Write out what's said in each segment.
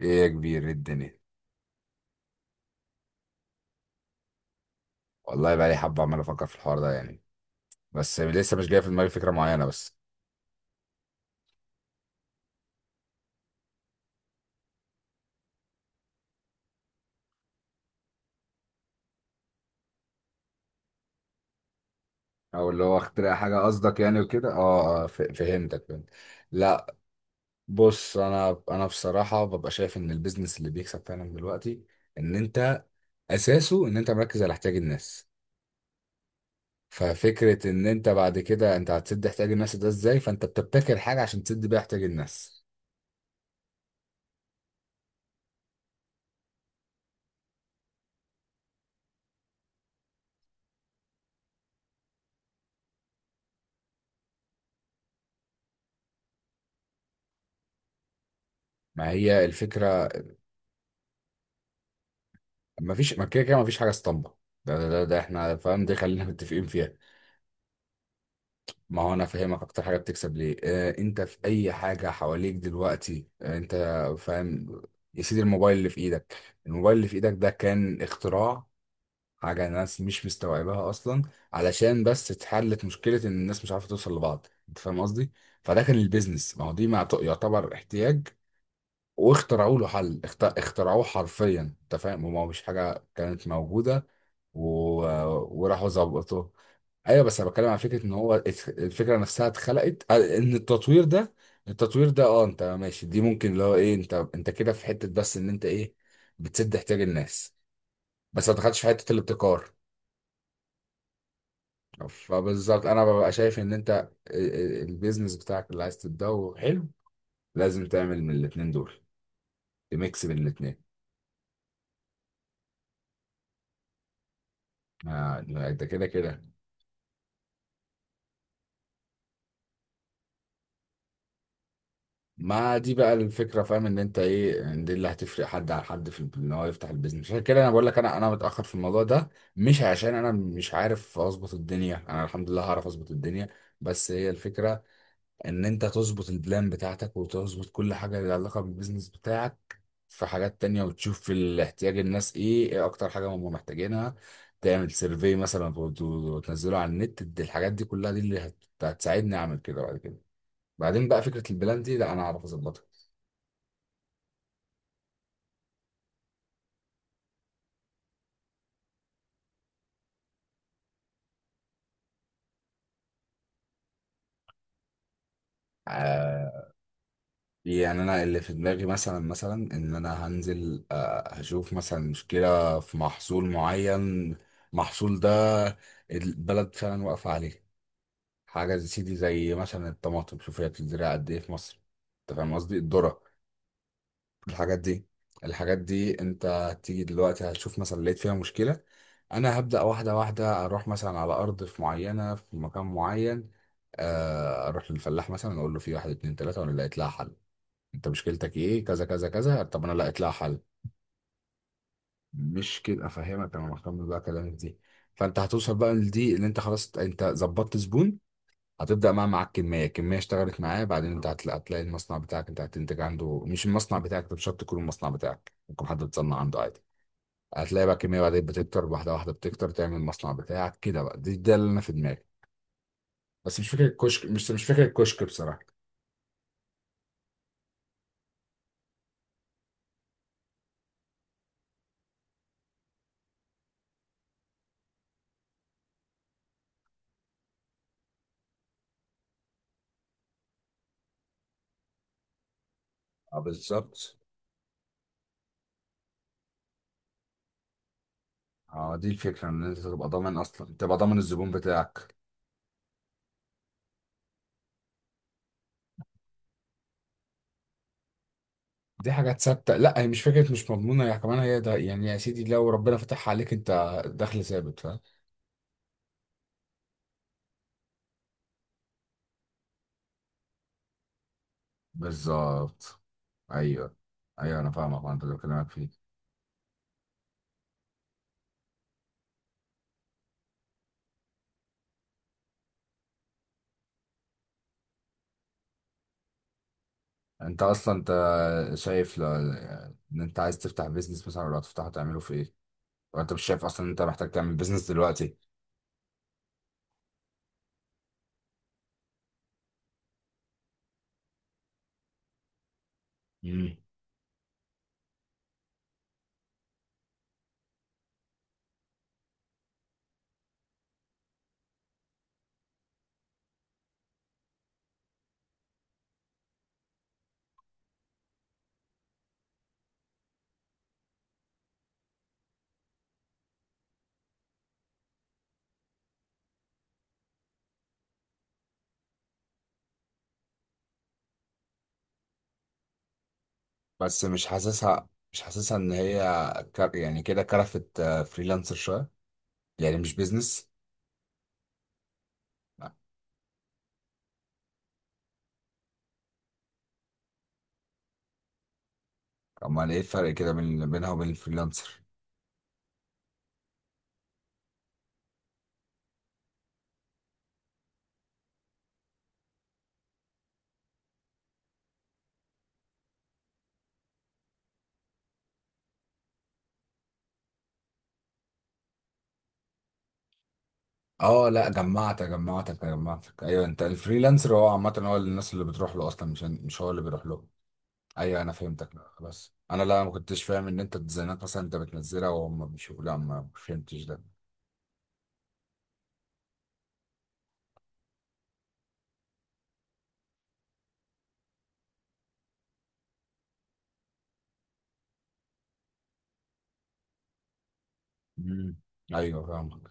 ايه يا كبير، إيه الدنيا؟ والله بقى لي حبه عمال افكر في الحوار ده بس لسه مش جاي في دماغي فكره معينه بس. او اللي هو اخترع حاجه قصدك وكده، اه. فهمتك، فهمت. لا، بص، انا بصراحه ببقى شايف ان البيزنس اللي بيكسب فعلا دلوقتي ان انت اساسه ان انت مركز على احتياج الناس. ففكره ان انت بعد كده انت هتسد احتياج الناس ده ازاي، فانت بتبتكر حاجه عشان تسد بيها احتياج الناس. ما هي الفكره. ما فيش، ما كده كده ما فيش حاجه اسطمبه. ده احنا فاهم، دي خلينا متفقين فيها. ما هو انا فاهمك اكتر حاجه بتكسب ليه، آه، انت في اي حاجه حواليك دلوقتي، آه انت فاهم. يا سيدي، الموبايل اللي في ايدك، الموبايل اللي في ايدك ده كان اختراع، حاجه الناس مش مستوعباها اصلا، علشان بس اتحلت مشكله ان الناس مش عارفه توصل لبعض، انت فاهم قصدي. فده كان البيزنس، ما هو دي يعتبر احتياج، واخترعوا له حل، اخترعوه حرفيا، انت فاهم، هو مش حاجه كانت موجوده و... وراحوا ظبطوه. ايوه، بس انا بتكلم عن فكره ان هو الفكره نفسها اتخلقت، آه، ان التطوير ده، التطوير ده، اه انت ماشي، دي ممكن اللي هو ايه، انت كده في حته بس ان انت ايه، بتسد احتياج الناس. بس ما دخلتش في حته الابتكار. فبالظبط انا ببقى شايف ان انت البيزنس بتاعك اللي عايز تبداه حلو، لازم تعمل من الاتنين دول ميكس بين الاتنين. آه، ده كده كده. ما دي بقى الفكره، فاهم ان انت ايه، إن دي اللي هتفرق حد عن حد في ان هو يفتح البيزنس. عشان كده انا بقول لك، انا متاخر في الموضوع ده. مش عشان انا مش عارف اظبط الدنيا، انا الحمد لله هعرف اظبط الدنيا، بس هي الفكره ان انت تظبط البلان بتاعتك وتظبط كل حاجه لها علاقه بالبيزنس بتاعك في حاجات تانية، وتشوف في الاحتياج الناس ايه، ايه اكتر حاجه هم محتاجينها. تعمل سيرفي مثلا وتنزله على النت. الحاجات دي كلها دي اللي هتساعدني اعمل كده بعد كده. بعدين بقى فكره البلان دي لا انا اعرف اظبطها. آه، يعني انا اللي في دماغي مثلا، مثلا ان انا هنزل، آه، هشوف مثلا مشكلة في محصول معين، محصول ده البلد فعلا واقفة عليه. حاجة زي سيدي، زي مثلا الطماطم، شوف هي بتتزرع قد ايه في مصر، انت فاهم قصدي، الذرة. الحاجات دي، الحاجات دي انت هتيجي دلوقتي هتشوف مثلا لقيت فيها مشكلة. انا هبدأ واحدة واحدة، اروح مثلا على ارض في معينة في مكان معين، آه، اروح للفلاح مثلا اقول له في واحد اتنين تلاتة وانا لقيت لها حل. انت مشكلتك ايه، كذا كذا كذا، طب انا لقيت لها حل. مش كده افهمك، انا مهتم بقى كلامك دي. فانت هتوصل بقى لدي اللي انت خلاص انت ظبطت زبون. هتبدا بقى معاك كميه كميه، اشتغلت معاه، بعدين انت هتلاقي المصنع بتاعك انت هتنتج عنده، مش المصنع بتاعك، انت مش شرط يكون المصنع بتاعك، ممكن حد بتصنع عنده عادي. هتلاقي بقى كميه، بعدين بتكتر واحده واحده، بتكتر تعمل المصنع بتاعك كده بقى. دي ده اللي انا في دماغي. بس مش فاكر الكشك، مش فاكر الكشك بصراحه. اه بالظبط. اه دي الفكره، ان انت تبقى ضامن اصلا، تبقى ضامن الزبون بتاعك. دي حاجة تصدق، لا هي مش فكرة مش مضمونة، هي كمان، هي ده، يعني يا سيدي لو ربنا فتحها عليك، انت دخل ثابت، فاهم. بالظبط. ايوه، ايوه انا فاهمك، وانا ده اللي بكلمك فيه. انت اصلا انت شايف ل... ان انت عايز تفتح بيزنس مثلا، ولا هتفتحه تعمله في ايه، لو انت مش شايف اصلا ان انت محتاج تعمل بيزنس دلوقتي. مم. بس مش حاسسها، مش حاسسها ان هي يعني كده كرفت فريلانسر شويه، يعني مش بيزنس. امال ايه الفرق كده بين بينها وبين الفريلانسر. اه لا، جمعتك ايوه، انت الفريلانسر هو عامه هو الناس اللي بتروح له اصلا، مش هو اللي بيروح له. ايوه انا فهمتك، لا، خلاص، انا لا ما كنتش فاهم ان انت الديزاينات مثلا انت بتنزلها وهم بيشوفوا، لا ما فهمتش ده. امم، ايوه فاهمك.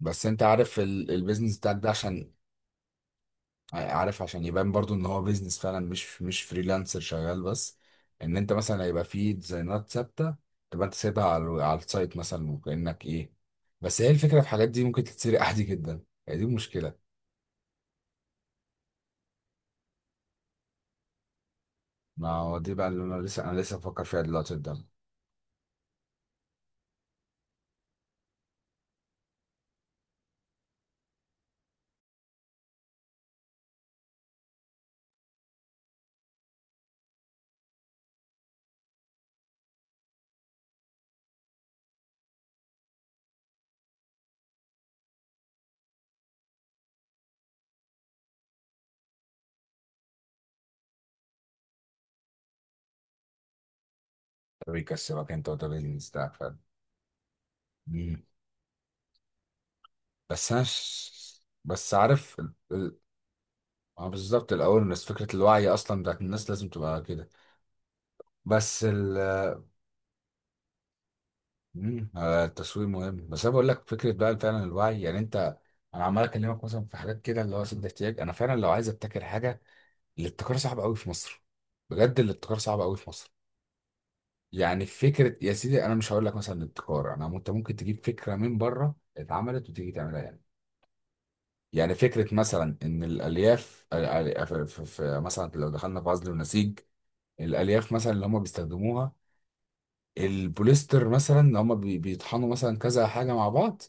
بس انت عارف البيزنس بتاعك ده عشان، آه، عارف عشان يبان برضو ان هو بيزنس فعلا، مش فريلانسر شغال بس. ان انت مثلا هيبقى فيه ديزاينات ثابته، تبقى انت سايبها على السايت مثلا، وكانك ايه. بس هي الفكره في الحاجات دي ممكن تتسرق عادي جدا، هي دي المشكله. ما هو دي بقى اللي انا لسه، انا لسه بفكر فيها دلوقتي قدام. ده بيكسبك انت وده بيزنس بتاعك فعلا. مم. بس عارف ما هو بالظبط الاول الناس فكره الوعي اصلا بتاعت الناس لازم تبقى كده. بس. آه، التسويق مهم، بس انا بقول لك فكره بقى فعلا الوعي، يعني انت، انا عمال اكلمك مثلا في حاجات كده اللي هو سد احتياج. انا فعلا لو عايز ابتكر حاجه، الابتكار صعب قوي في مصر، بجد الابتكار صعب قوي في مصر. يعني فكره يا سيدي، انا مش هقول لك مثلا الابتكار، انا، انت ممكن تجيب فكره من بره اتعملت وتيجي تعملها يعني. يعني فكره مثلا ان الالياف مثلا لو دخلنا في عزل ونسيج. الالياف مثلا اللي هم بيستخدموها، البوليستر مثلا اللي هم بيطحنوا مثلا كذا حاجه مع بعض.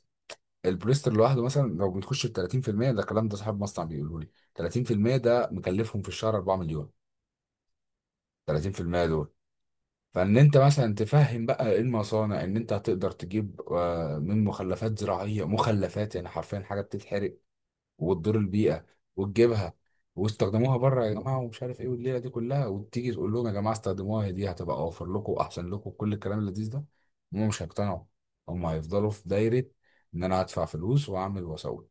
البوليستر لوحده مثلا لو بنخش في 30%، ده الكلام ده صاحب مصنع بيقوله لي. 30% ده مكلفهم في الشهر 4 مليون. 30% دول، فان انت مثلا تفهم بقى إيه المصانع، ان انت هتقدر تجيب، آه، من مخلفات زراعيه، مخلفات يعني حرفيا حاجه بتتحرق وتضر البيئه، وتجيبها. واستخدموها بره يا جماعه ومش عارف ايه والليله دي كلها، وتيجي تقول لهم يا جماعه استخدموها، هي دي هتبقى اوفر لكم واحسن لكم كل الكلام اللذيذ ده، هم مش هيقتنعوا. هم هيفضلوا في دايره ان انا هدفع فلوس واعمل واسوي.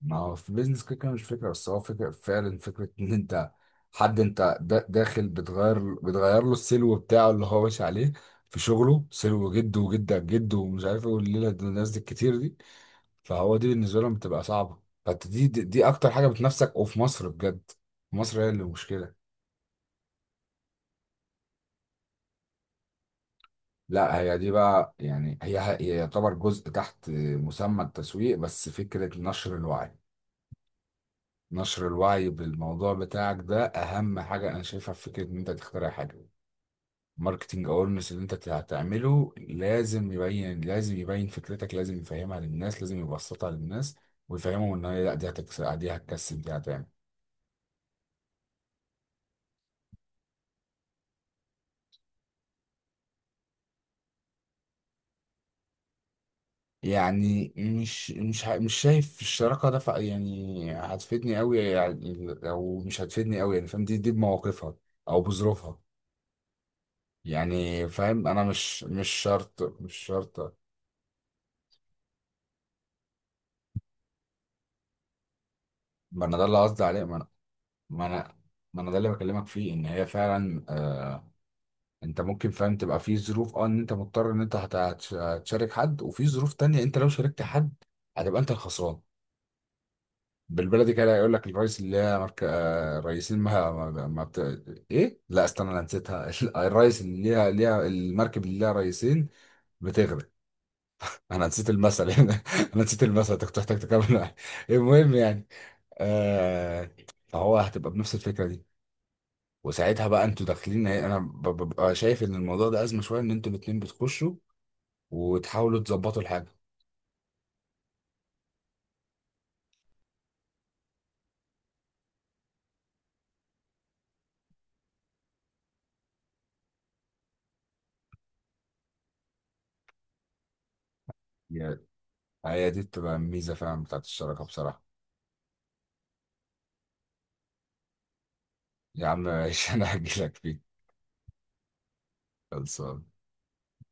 ما هو في بيزنس كده كده مش فكرة بس، هو فكرة فعلا، فكرة ان انت حد انت داخل بتغير له السلو بتاعه اللي هو ماشي عليه في شغله، سلو جده وجدك جده ومش عارف ايه والليلة دي، الناس دي الكتير دي، فهو دي بالنسبة لهم بتبقى صعبة، فانت دي دي اكتر حاجة بتنافسك وفي مصر بجد. في مصر هي اللي مشكلة. لا هي دي بقى، يعني هي، هي يعتبر جزء تحت مسمى التسويق، بس فكرة نشر الوعي، نشر الوعي بالموضوع بتاعك ده اهم حاجه انا شايفها في فكره ان انت تخترع حاجه. ماركتنج اورنس اللي انت هتعمله لازم يبين، لازم يبين فكرتك، لازم يفهمها للناس، لازم يبسطها للناس ويفهمهم ان هي لا دي هتكسب، دي هتكسب، دي هتعمل. يعني مش شايف الشراكه ده يعني هتفيدني قوي يعني، او مش هتفيدني قوي يعني، فاهم، دي بمواقفها او بظروفها يعني فاهم. انا مش شرط. ما انا ده اللي قصدي عليه، ما انا ما انا ده اللي بكلمك فيه، ان هي فعلا، آه، انت ممكن فعلا تبقى في ظروف، اه، ان انت مضطر ان انت هتشارك حد، وفي ظروف تانية انت لو شاركت حد هتبقى انت الخسران. بالبلدي كده، يقول لك الرئيس اللي هي مرك... آه الرئيسين ما ما, ما بت... ايه، لا استنى انا نسيتها الرئيس اللي ليها، ليها المركب اللي ليها رئيسين بتغرق. انا نسيت المثل يعني، انا نسيت المثل، انت كنت محتاج تكمل معايا. المهم يعني، آه، فهو هتبقى بنفس الفكرة دي، وساعتها بقى انتوا داخلين، انا ببقى شايف ان الموضوع ده ازمه شويه، ان انتوا الاتنين بتخشوا وتحاولوا تظبطوا الحاجه. هي هي دي بتبقى الميزه فعلا بتاعت الشراكه بصراحه. يا عم ماشي انا هجيلك فيه. خلصان.